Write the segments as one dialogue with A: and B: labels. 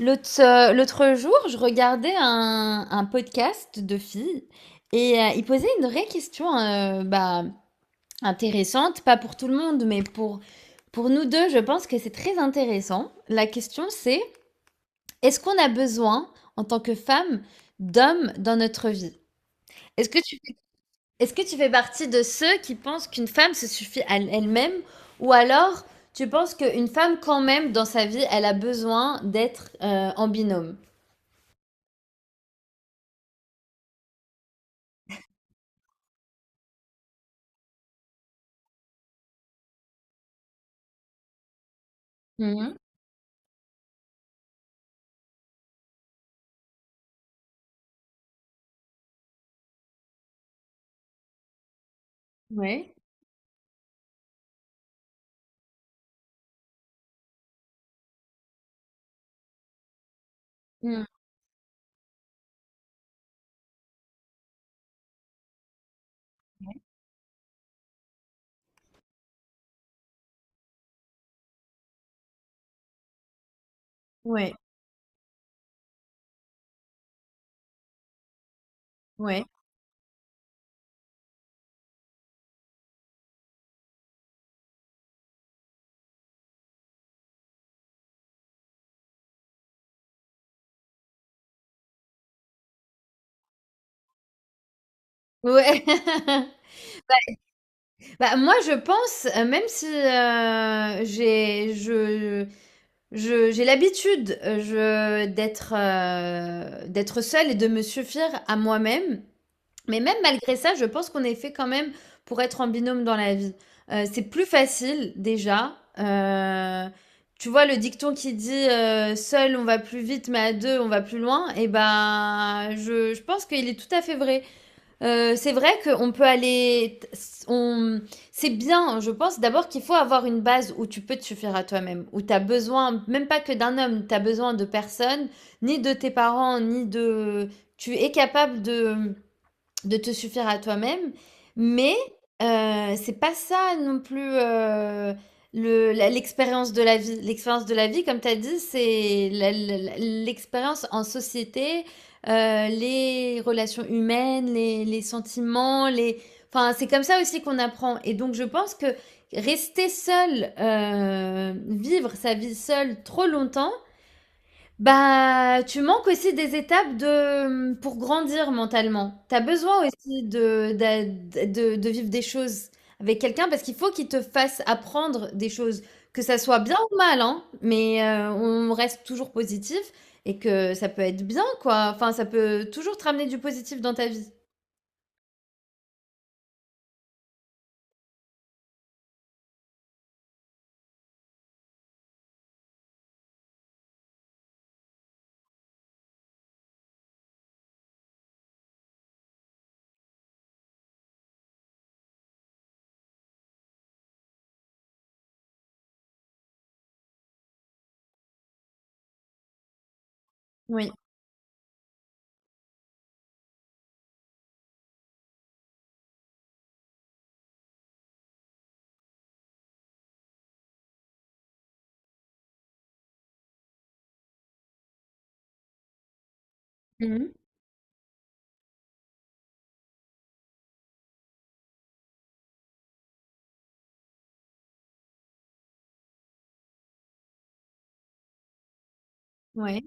A: L'autre, l'autre jour, je regardais un podcast de filles et ils posaient une vraie question intéressante, pas pour tout le monde, mais pour nous deux, je pense que c'est très intéressant. La question c'est, est-ce qu'on a besoin, en tant que femme, d'hommes dans notre vie? Est-ce que tu, fais- Est-ce que tu fais partie de ceux qui pensent qu'une femme se suffit à elle-même, ou alors tu penses qu'une femme, quand même, dans sa vie, elle a besoin d'être en binôme? Mhm. Ouais. Mmh. Ouais, ouais. Ouais. Bah, moi, je pense, même si, j'ai l'habitude, je d'être, d'être seule et de me suffire à moi-même. Mais même malgré ça, je pense qu'on est fait quand même pour être en binôme dans la vie. C'est plus facile déjà. Tu vois le dicton qui dit, «Seul on va plus vite, mais à 2 on va plus loin», et ben, je pense qu'il est tout à fait vrai. C'est vrai qu'on peut aller. On... C'est bien, je pense d'abord qu'il faut avoir une base où tu peux te suffire à toi-même, où tu as besoin, même pas que d'un homme, tu as besoin de personne, ni de tes parents, ni de. Tu es capable de te suffire à toi-même, mais c'est pas ça non plus. Le la L'expérience de la vie. L'expérience de la vie, comme tu as dit, c'est la la l'expérience en société, heu, les relations humaines, les sentiments, les, enfin, c'est comme ça aussi qu'on apprend. Et donc je pense que rester seul, vivre sa vie seul trop longtemps, bah, tu manques aussi des étapes de, pour grandir mentalement. T'as besoin aussi de vivre des choses avec quelqu'un, parce qu'il faut qu'il te fasse apprendre des choses, que ça soit bien ou mal, hein. Mais on reste toujours positif, et que ça peut être bien, quoi. Enfin, ça peut toujours te ramener du positif dans ta vie. Oui. Mhm. Ouais.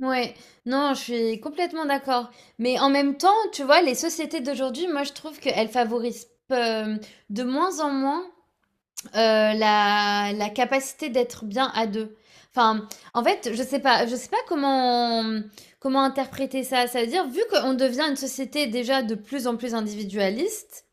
A: Ouais. Non, je suis complètement d'accord. Mais en même temps, tu vois, les sociétés d'aujourd'hui, moi, je trouve qu'elles favorisent euh, de moins en moins la la capacité d'être bien à 2. Enfin, en fait, je sais pas comment interpréter ça. Ça veut dire, vu qu'on devient une société déjà de plus en plus individualiste,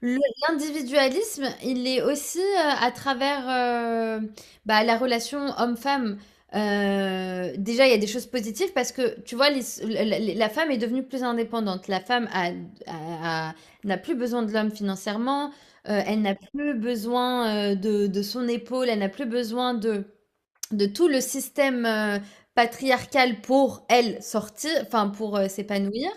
A: le l'individualisme, il est aussi, à travers, heu, bah, la relation homme-femme. Déjà, il y a des choses positives parce que, tu vois, les la la la femme est devenue plus indépendante. La femme a a a n'a plus besoin de l'homme financièrement, elle n'a plus besoin, de son épaule, elle n'a plus besoin de tout le système, patriarcal pour elle sortir, enfin, pour, s'épanouir.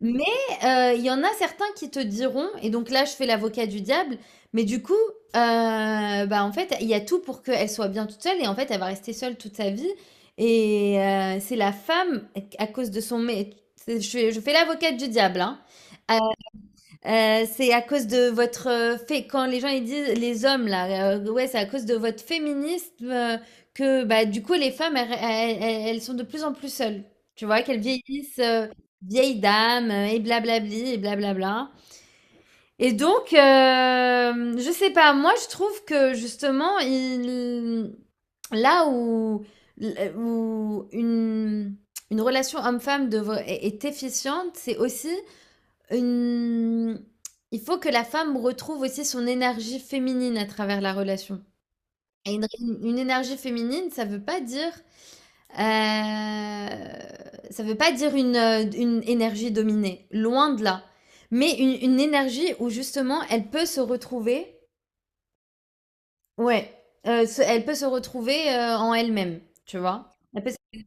A: Mais il y en a certains qui te diront, et donc là, je fais l'avocat du diable, mais du coup, bah, en fait, il y a tout pour qu'elle soit bien toute seule, et en fait, elle va rester seule toute sa vie, et c'est la femme, à cause de son mé, c'est, je fais l'avocate du diable, hein. C'est à cause de votre fait quand les gens ils disent les hommes là ouais, c'est à cause de votre féminisme, que bah du coup les femmes elles sont de plus en plus seules, tu vois, qu'elles vieillissent, vieilles dames, et blablabli et blablabla. Et donc je sais pas, moi je trouve que justement, il, là où où une relation homme-femme devrait- est efficiente, c'est aussi une... Il faut que la femme retrouve aussi son énergie féminine à travers la relation. Et une, une énergie féminine, ça veut pas dire, ça veut pas dire une énergie dominée, loin de là. Mais une énergie où justement elle peut se retrouver, ouais, elle peut se retrouver en elle-même, tu vois. Elle peut se-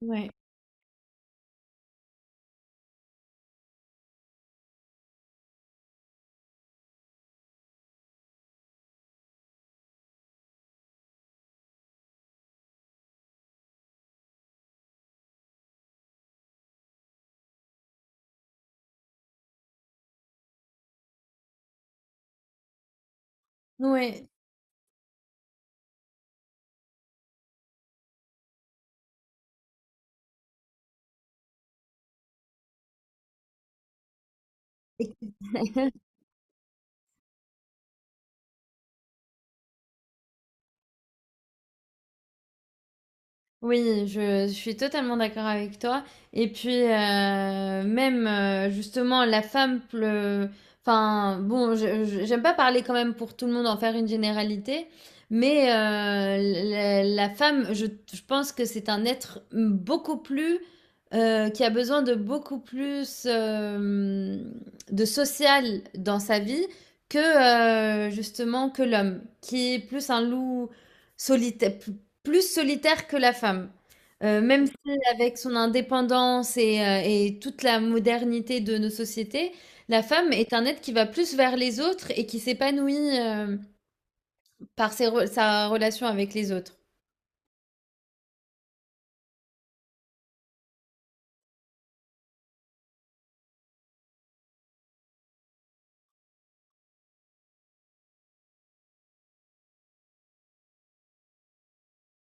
A: Ouais. Ouais. Oui, je suis totalement d'accord avec toi. Et puis, même justement, la femme pleut. Enfin, bon, j'aime pas parler quand même pour tout le monde, en faire une généralité, mais la femme, je pense que c'est un être beaucoup plus, qui a besoin de beaucoup plus de social dans sa vie, que justement que l'homme, qui est plus un loup solitaire, plus solitaire que la femme. Même si avec son indépendance et toute la modernité de nos sociétés, la femme est un être qui va plus vers les autres et qui s'épanouit, hem, par ses re sa relation avec les autres.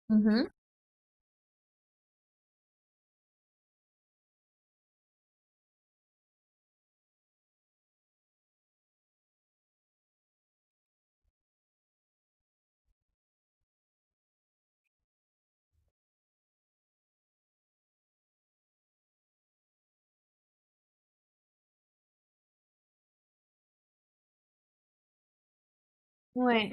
A: Mmh. Ouais.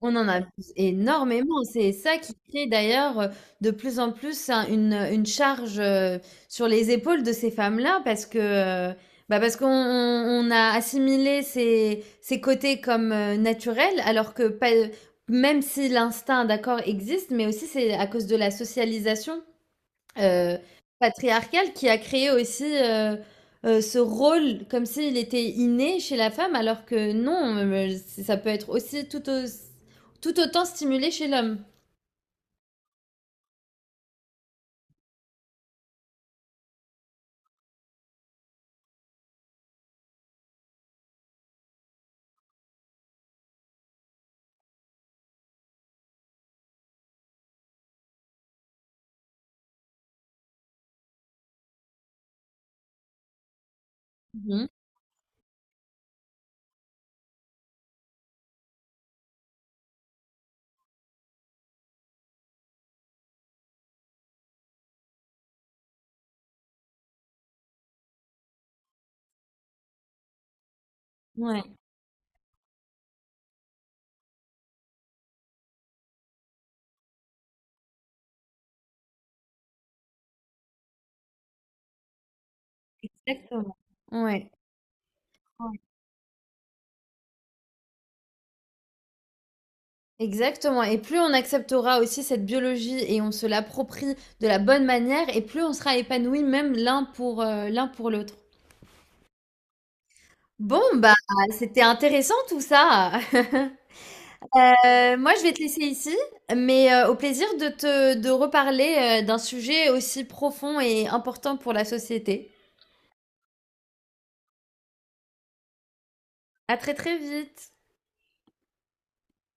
A: On en abuse énormément. C'est ça qui crée d'ailleurs de plus en plus une charge sur les épaules de ces femmes-là, parce que bah parce qu'on a assimilé ces côtés comme naturels, alors que pas- même si l'instinct d'accord existe, mais aussi c'est à cause de la socialisation euh, patriarcal, qui a créé aussi ce rôle comme s'il était inné chez la femme, alors que non. Ça peut être aussi tout, au- tout autant stimulé chez l'homme. Mhm. Ouais, exactement. Ouais. Ouais. Exactement. Et plus on acceptera aussi cette biologie et on se l'approprie de la bonne manière, et plus on sera épanoui, même l'un pour l'autre. Bon, bah, c'était intéressant tout ça. Moi, je vais te laisser ici, mais au plaisir de te de reparler d'un sujet aussi profond et important pour la société. À très très vite.